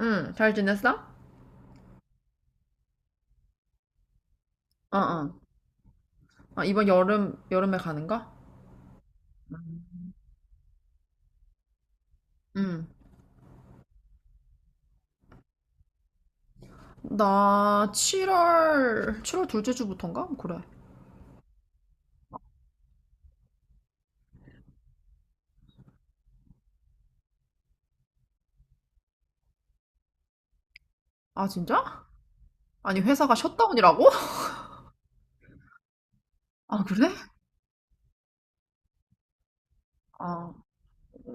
응, 잘 지냈어? 어, 어. 아, 이번 여름에 가는 거? 응. 나 7월 둘째 주부터인가? 그래. 아, 진짜? 아니, 회사가 셧다운이라고? 아, 그래? 아,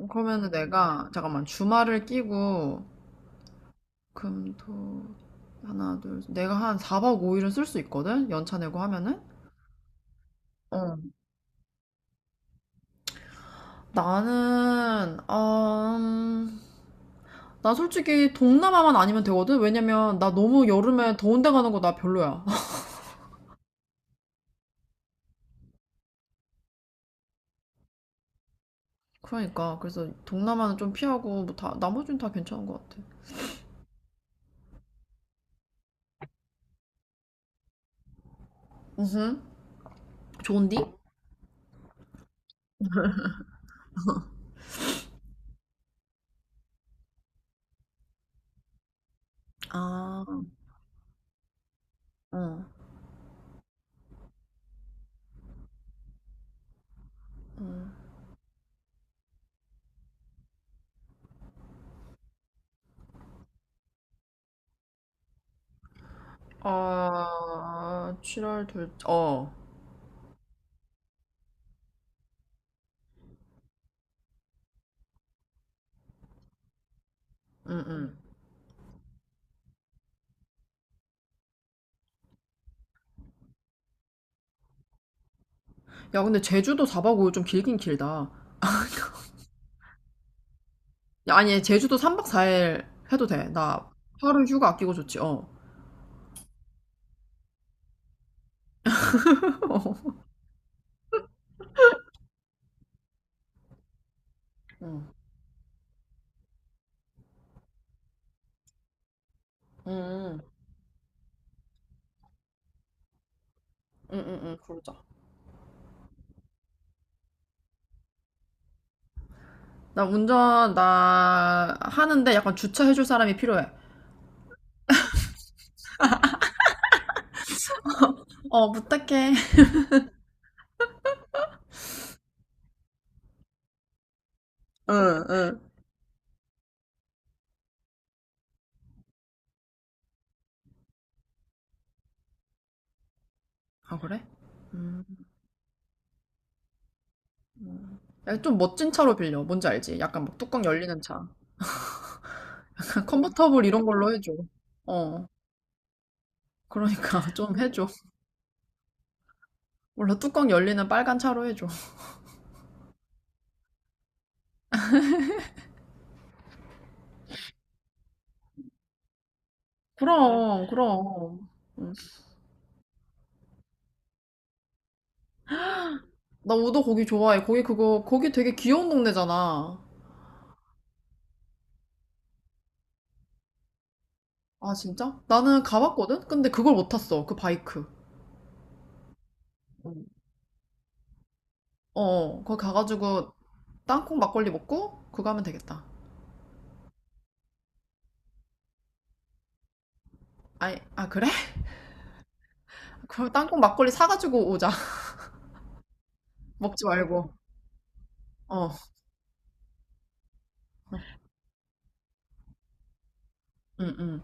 그러면은 내가, 잠깐만, 주말을 끼고, 금, 토, 하나, 둘, 셋. 내가 한 4박 5일은 쓸 수 있거든? 연차 내고 하면은? 어. 나는, 음, 나 솔직히 동남아만 아니면 되거든? 왜냐면 나 너무 여름에 더운 데 가는 거 나 별로야. 그러니까 그래서 동남아는 좀 피하고 뭐 다 나머지는 다 괜찮은 것 같아. 음. 좋은디? 아, 응. 아, 7월 둘, 어, 응, 응. 야, 근데 제주도 4박 5일 좀 길긴 길다. 야, 아니, 제주도 3박 4일 해도 돼. 나 하루 휴가 아끼고 좋지, 어. 응, 응, 응, 응, 응, 그러자. 나 하는데 약간 주차해줄 사람이 필요해. 어, 부탁해. 응, 응. 아, 그래? 음. 음. 야, 좀 멋진 차로 빌려. 뭔지 알지? 약간 막 뚜껑 열리는 차. 컨버터블 이런 걸로 해줘. 어. 그러니까 좀 해줘. 몰라, 뚜껑 열리는 빨간 차로 해줘. 그럼, 그럼. 음. 나 우도 거기 좋아해. 거기 되게 귀여운 동네잖아. 아, 진짜? 나는 가봤거든? 근데 그걸 못 탔어. 그 바이크. 어, 거기 가가지고 땅콩 막걸리 먹고 그거 하면 되겠다. 아, 아, 그래? 그럼 땅콩 막걸리 사가지고 오자. 먹지 말고. 어, 응, 응,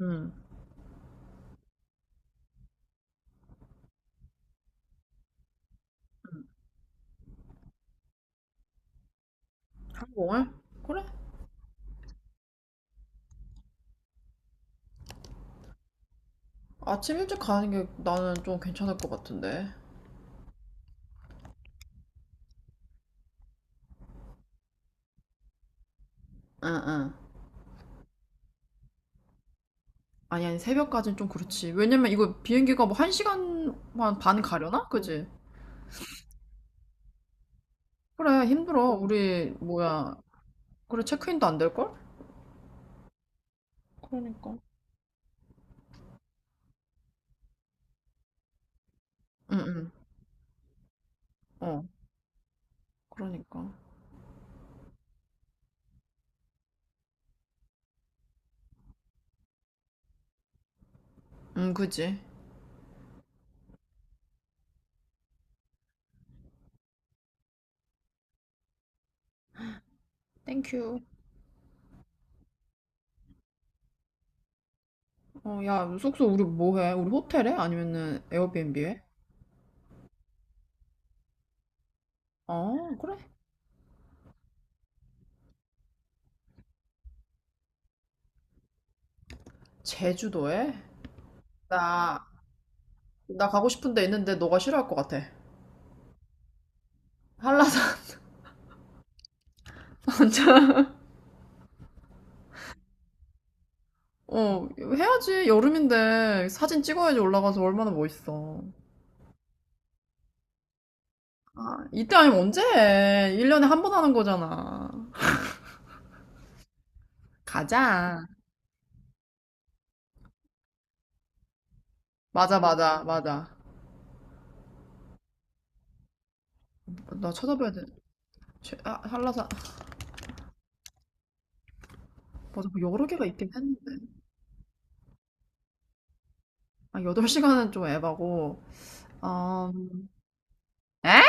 응. 한국을? 그래? 아침 일찍 가는 게 나는 좀 괜찮을 것 같은데. 응, 응. 아니, 아니, 새벽까지는 좀 그렇지. 왜냐면 이거 비행기가 뭐 한 시간만 반 가려나? 그지? 그래, 힘들어. 우리, 뭐야. 그래, 체크인도 안 될걸? 그러니까. 응, 응. 어, 그러니까. 응, 그지? 땡큐. 어, 야, 숙소 우리 뭐 해? 우리 호텔에? 아니면은 에어비앤비에? 어, 그래. 제주도에? 나, 나 가고 싶은 데 있는데 너가 싫어할 것 같아. 한라산 어, 해야지. 여름인데 사진 찍어야지 올라가서 얼마나 멋있어. 아, 이때 아니면 언제 해? 1년에 한 번 하는 거잖아. 가자. 맞아, 맞아, 맞아. 나 찾아봐야 돼. 아, 한라산. 아, 맞아, 뭐 여러 개가 있긴 했는데. 아, 8시간은 좀 에바고. 어, 에?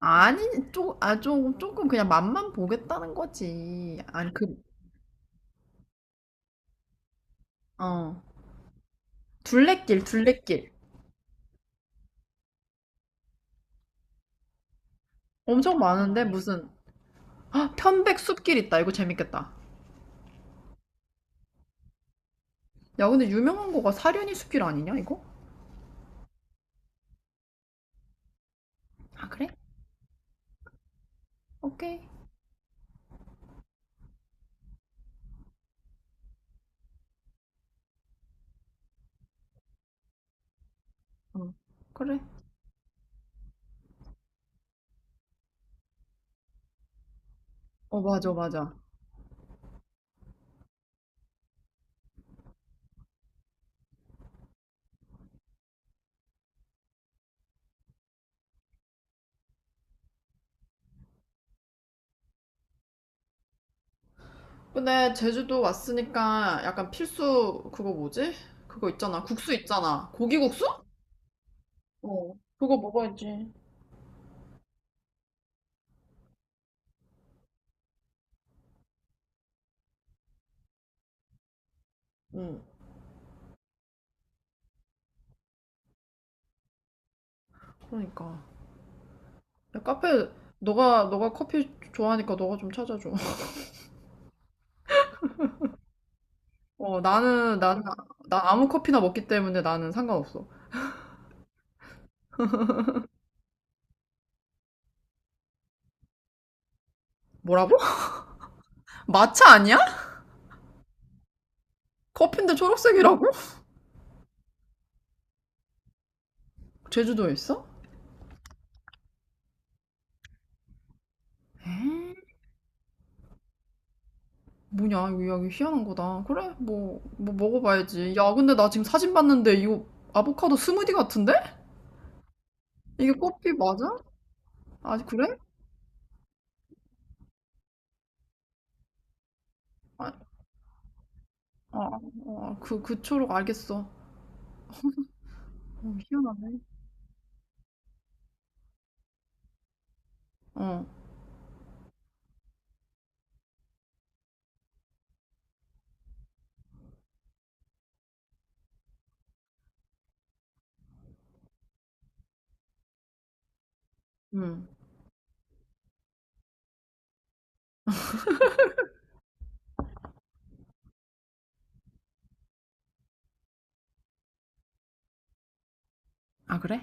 아니, 아, 조금 그냥 맛만 보겠다는 거지. 아니, 그, 어. 둘레길, 둘레길. 엄청 많은데, 무슨. 아, 편백 숲길 있다. 이거 재밌겠다. 야, 근데 유명한 거가 사려니 숲길 아니냐, 이거? 아, 그래? 오케이. 어, 그래. 어, 맞아, 맞아. 근데 제주도 왔으니까 약간 필수, 그거 뭐지? 그거 있잖아. 국수 있잖아. 고기국수? 어, 그거 먹어야지. 응, 그러니까. 야, 카페, 너가 커피 좋아하니까 너가 좀 찾아줘. 어, 나 아무 커피나 먹기 때문에 나는 상관없어. 뭐라고? 마차 아니야? 커피인데 초록색이라고? 제주도에 있어? 에이. 뭐냐, 이거 야, 이거 희한한 거다. 그래, 뭐 먹어봐야지. 야, 근데 나 지금 사진 봤는데 이거 아보카도 스무디 같은데? 이게 꽃피 맞아? 아, 그래? 아, 아, 아, 그 초록 알겠어. 어, 희한하네. 어, 응. 아, 그래?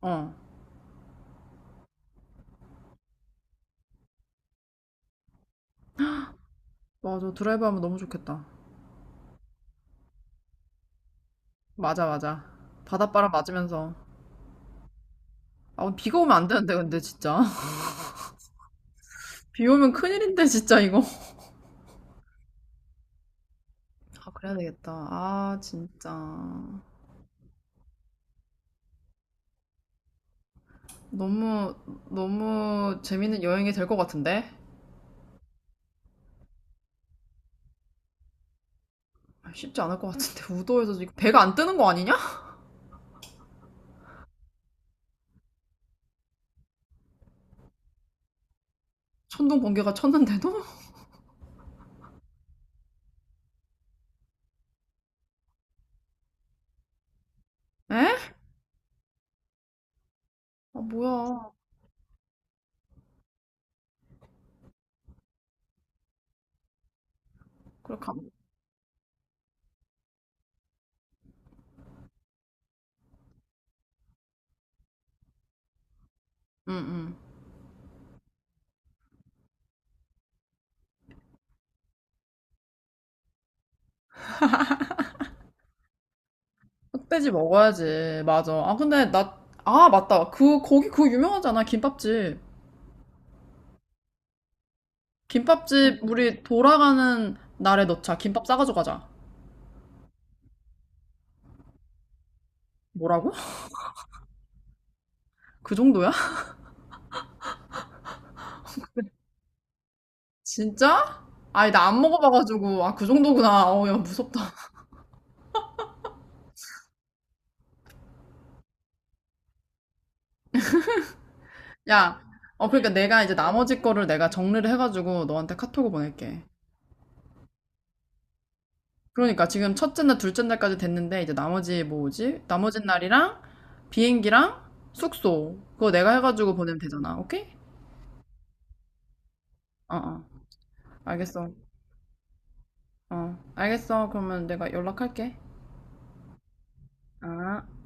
어, 맞아. 드라이브 하면 너무 좋겠다. 맞아, 맞아. 바닷바람 맞으면서. 아, 오늘 비가 오면 안 되는데, 근데 진짜. 비 오면 큰일인데, 진짜 이거. 아, 그래야 되겠다. 아, 진짜. 너무, 너무 재밌는 여행이 될 것 같은데? 아, 쉽지 않을 것 같은데 우도에서 지금 배가 안 뜨는 거 아니냐? 천둥 번개가 쳤는데도? 에? 아, 뭐야. 그렇게 안. 응응 흑돼지 먹어야지. 맞아. 아, 근데 나, 아, 맞다. 그 거기 그거 유명하잖아, 김밥집. 김밥집 우리 돌아가는 날에 넣자. 김밥 싸가지고 가자. 뭐라고? 그 정도야? 진짜? 아니, 나 안 먹어봐가지고. 아, 그 정도구나. 어우, 야, 무섭다. 야. 어, 그러니까 내가 이제 나머지 거를 내가 정리를 해가지고 너한테 카톡을 보낼게. 그러니까 지금 첫째 날, 둘째 날까지 됐는데 이제 나머지 뭐 뭐지? 나머지 날이랑 비행기랑 숙소 그거 내가 해가지고 보내면 되잖아. 오케이? 어, 어. 알겠어. 어, 알겠어. 그러면 내가 연락할게. 아.